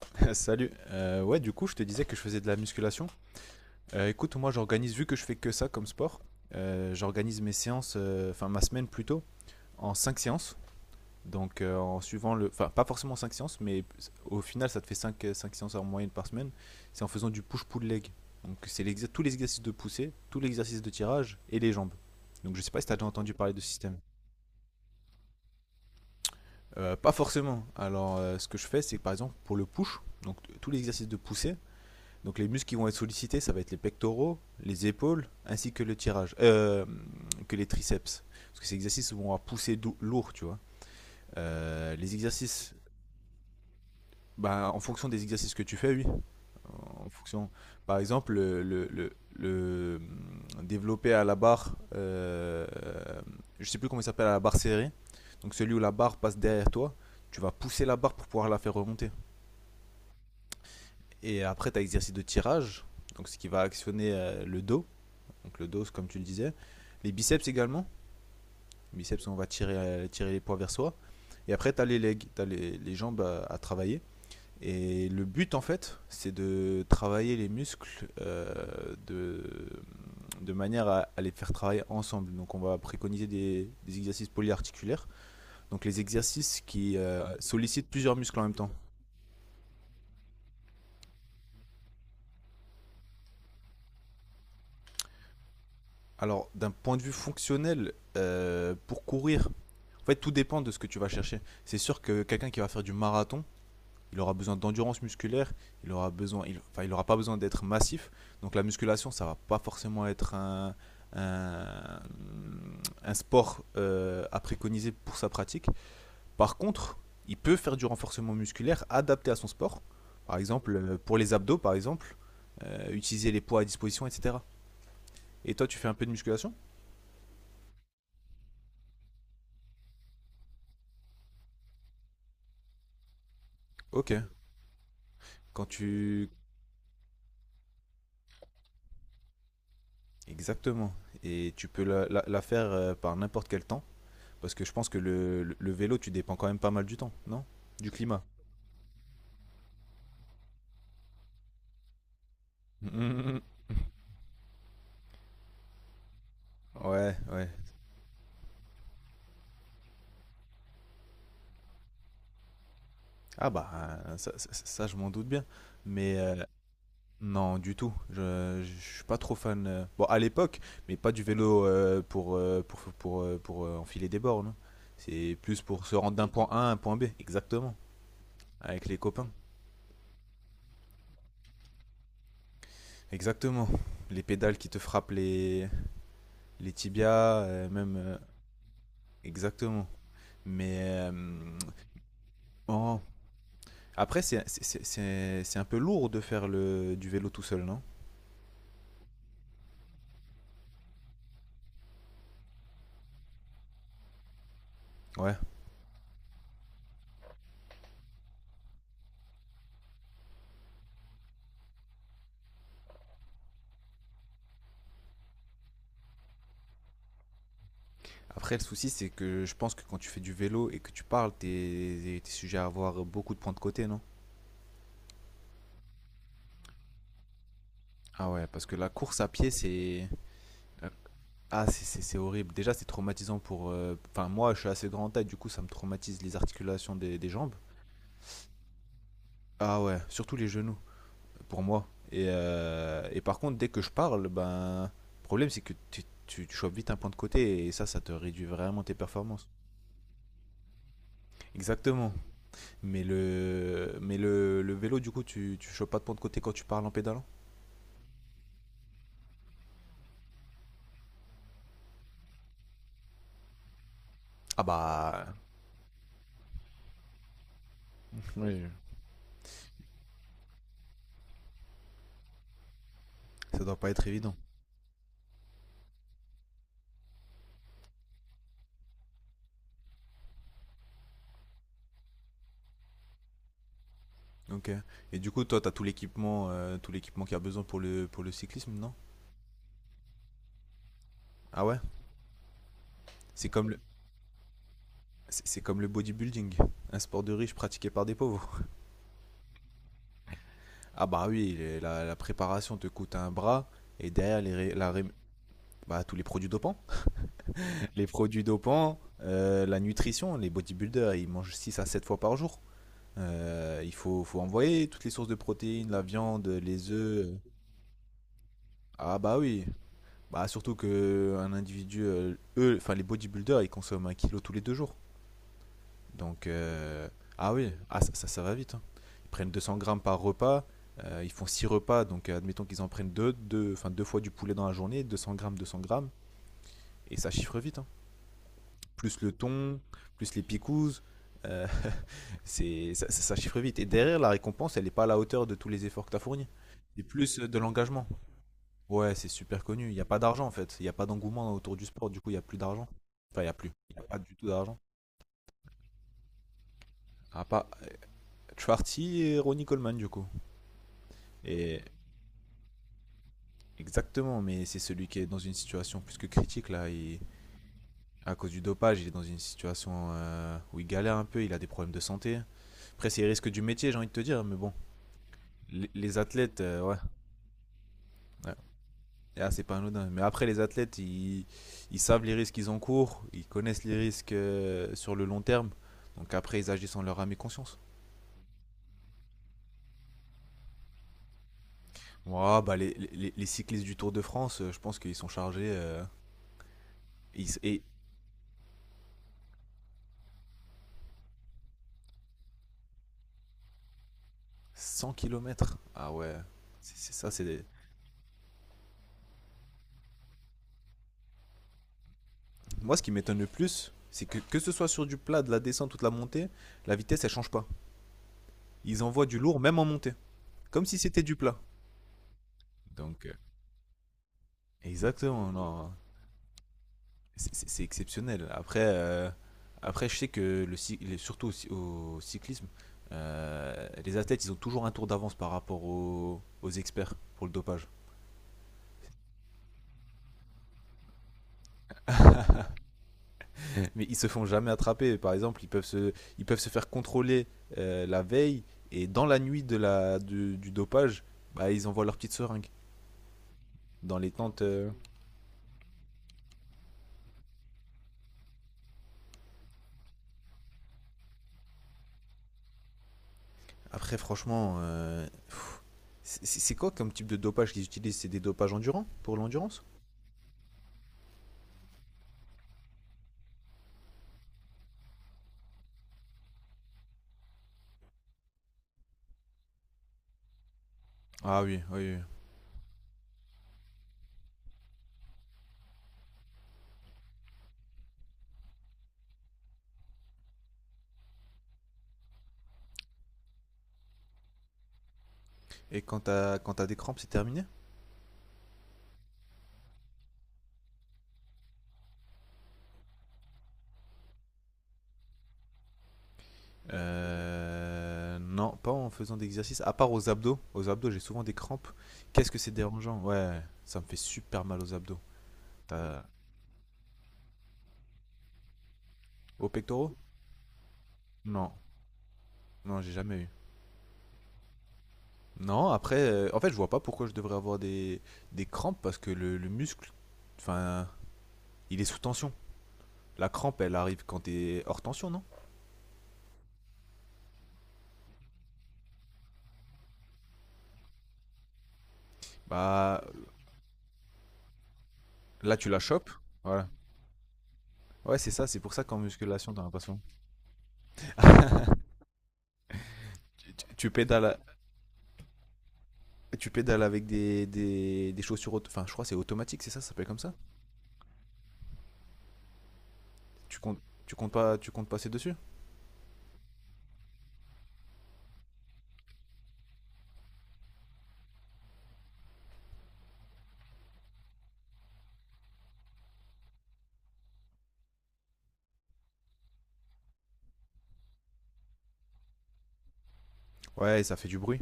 Salut. Ouais, du coup, je te disais que je faisais de la musculation. Écoute, moi, j'organise, vu que je fais que ça comme sport, j'organise mes séances, enfin ma semaine plutôt, en 5 séances. Donc, en suivant le. Enfin, pas forcément 5 séances, mais au final, ça te fait cinq séances en moyenne par semaine. C'est en faisant du push-pull leg. Donc, tous les exercices de poussée, tous les exercices de tirage et les jambes. Donc, je sais pas si tu as déjà entendu parler de ce système. Pas forcément. Alors, ce que je fais, c'est que, par exemple, pour le push, donc tous les exercices de poussée. Donc les muscles qui vont être sollicités, ça va être les pectoraux, les épaules, ainsi que le tirage, que les triceps. Parce que ces exercices vont avoir poussé lourd, tu vois. Les exercices, bah, en fonction des exercices que tu fais, oui. En fonction, par exemple, le développer à la barre, je sais plus comment il s'appelle, à la barre serrée. Donc celui où la barre passe derrière toi, tu vas pousser la barre pour pouvoir la faire remonter. Et après, tu as l'exercice de tirage, donc ce qui va actionner le dos, donc le dos comme tu le disais. Les biceps également, les biceps on va tirer les poids vers soi. Et après tu as les legs, tu as les jambes à travailler. Et le but en fait c'est de travailler les muscles, de manière à les faire travailler ensemble. Donc on va préconiser des exercices polyarticulaires, donc les exercices qui sollicitent plusieurs muscles en même temps. Alors d'un point de vue fonctionnel, pour courir, en fait tout dépend de ce que tu vas chercher. C'est sûr que quelqu'un qui va faire du marathon, il aura besoin d'endurance musculaire, il aura besoin, il, enfin, il aura pas besoin d'être massif. Donc la musculation, ça va pas forcément être un, un sport, à préconiser pour sa pratique. Par contre, il peut faire du renforcement musculaire adapté à son sport. Par exemple, pour les abdos, par exemple, utiliser les poids à disposition, etc. Et toi, tu fais un peu de musculation? Ok. Quand tu... Exactement. Et tu peux la faire par n'importe quel temps. Parce que je pense que le vélo, tu dépends quand même pas mal du temps, non? Du climat. Mhm. Ouais, ouais. Ah bah, ça, je m'en doute bien. Mais non, du tout. Je suis pas trop fan. Bon, à l'époque, mais pas du vélo, pour enfiler des bornes, hein. C'est plus pour se rendre d'un point A à un point B. Exactement. Avec les copains. Exactement. Les pédales qui te frappent les tibias, même. Exactement. Mais euh, oh, après, c'est un peu lourd de faire du vélo tout seul, non? Ouais. Après, le souci, c'est que je pense que quand tu fais du vélo et que tu parles, t'es es sujet à avoir beaucoup de points de côté, non? Ah ouais, parce que la course à pied, c'est... Ah, c'est horrible. Déjà, c'est traumatisant pour... Enfin, moi, je suis assez grand taille, du coup, ça me traumatise les articulations des jambes. Ah ouais, surtout les genoux, pour moi. Et par contre, dès que je parle, ben... Le problème, c'est que tu chopes vite un point de côté et ça te réduit vraiment tes performances. Exactement. Mais le vélo, du coup, tu chopes pas de point de côté quand tu parles en pédalant? Ah bah, oui, ça doit pas être évident. Ok. Et du coup, toi, t'as tout l'équipement, qu'il y a besoin pour pour le cyclisme, non? Ah ouais? C'est comme le, c'est comme le bodybuilding, un sport de riche pratiqué par des pauvres. Ah bah oui, la préparation te coûte un bras et derrière les, ré- la, ré- bah, tous les produits dopants. Les produits dopants, la nutrition, les bodybuilders, ils mangent 6 à 7 fois par jour. Il faut envoyer toutes les sources de protéines, la viande, les œufs. Ah bah oui. Bah surtout que enfin les bodybuilders, ils consomment 1 kilo tous les 2 jours. Donc, ah oui, ah ça va vite, hein. Ils prennent 200 grammes par repas. Ils font 6 repas, donc admettons qu'ils en prennent enfin deux fois du poulet dans la journée, 200 grammes, 200 grammes, et ça chiffre vite, hein. Plus le thon, plus les picouzes. Euh, c'est ça, ça chiffre vite. Et derrière, la récompense, elle n'est pas à la hauteur de tous les efforts que tu as fournis. C'est plus de l'engagement. Ouais, c'est super connu. Il n'y a pas d'argent en fait. Il n'y a pas d'engouement autour du sport. Du coup, il n'y a plus d'argent. Enfin, il n'y a plus. Il n'y a pas du tout d'argent. À part Schwarty et Ronnie Coleman, du coup. Et exactement, mais c'est celui qui est dans une situation plus que critique là. À cause du dopage, il est dans une situation, où il galère un peu. Il a des problèmes de santé. Après, c'est les risques du métier, j'ai envie de te dire. Mais bon, les athlètes, ouais. Ah, c'est pas anodin. Mais après, les athlètes, ils savent les risques qu'ils encourent, ils connaissent les risques, sur le long terme. Donc après, ils agissent en leur âme et conscience. Ouah, bah, les cyclistes du Tour de France, je pense qu'ils sont chargés. Ils- et 100 kilomètres. Ah ouais, c'est ça. Moi, ce qui m'étonne le plus, c'est que ce soit sur du plat, de la descente ou de la montée, la vitesse, elle change pas. Ils envoient du lourd, même en montée. Comme si c'était du plat. Donc, exactement, non. C'est exceptionnel. Après, je sais que surtout au cyclisme, les athlètes, ils ont toujours un tour d'avance par rapport aux experts pour le dopage. Mais ils se font jamais attraper. Par exemple, ils peuvent se faire contrôler, la veille et dans la nuit du dopage, bah, ils envoient leur petite seringue dans les tentes. Après, franchement, c'est quoi comme type de dopage qu'ils utilisent? C'est des dopages endurants pour l'endurance? Ah oui, oui, oui. Et quand t'as des crampes, c'est terminé? Non, pas en faisant d'exercice. À part aux abdos. Aux abdos, j'ai souvent des crampes. Qu'est-ce que c'est dérangeant? Ouais, ça me fait super mal aux abdos. T'as... Aux pectoraux? Non, non, j'ai jamais eu. Non, après, en fait, je vois pas pourquoi je devrais avoir des crampes parce que le muscle, enfin, il est sous tension. La crampe, elle arrive quand t'es hors tension, non? Bah, là, tu la chopes. Voilà. Ouais, c'est ça, c'est pour ça qu'en musculation, t'as l'impression. Tu pédales. Et tu pédales avec des chaussures, enfin je crois que c'est automatique, c'est ça, ça s'appelle comme ça. Tu comptes pas, tu comptes passer dessus? Ouais, ça fait du bruit.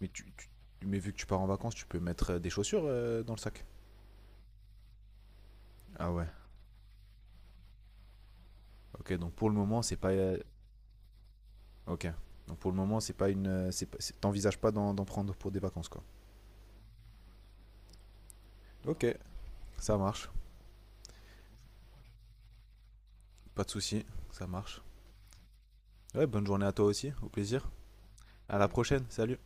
Mais tu, tu- mais vu que tu pars en vacances, tu peux mettre des chaussures, dans le sac. Ah ouais. Ok, donc pour le moment c'est pas, ok. Donc pour le moment c'est pas une, c'est pas- c'est- t'envisages pas d'en prendre pour des vacances, quoi. Ok, ça marche, pas de souci, ça marche. Ouais, bonne journée à toi aussi, au plaisir. À la prochaine, salut.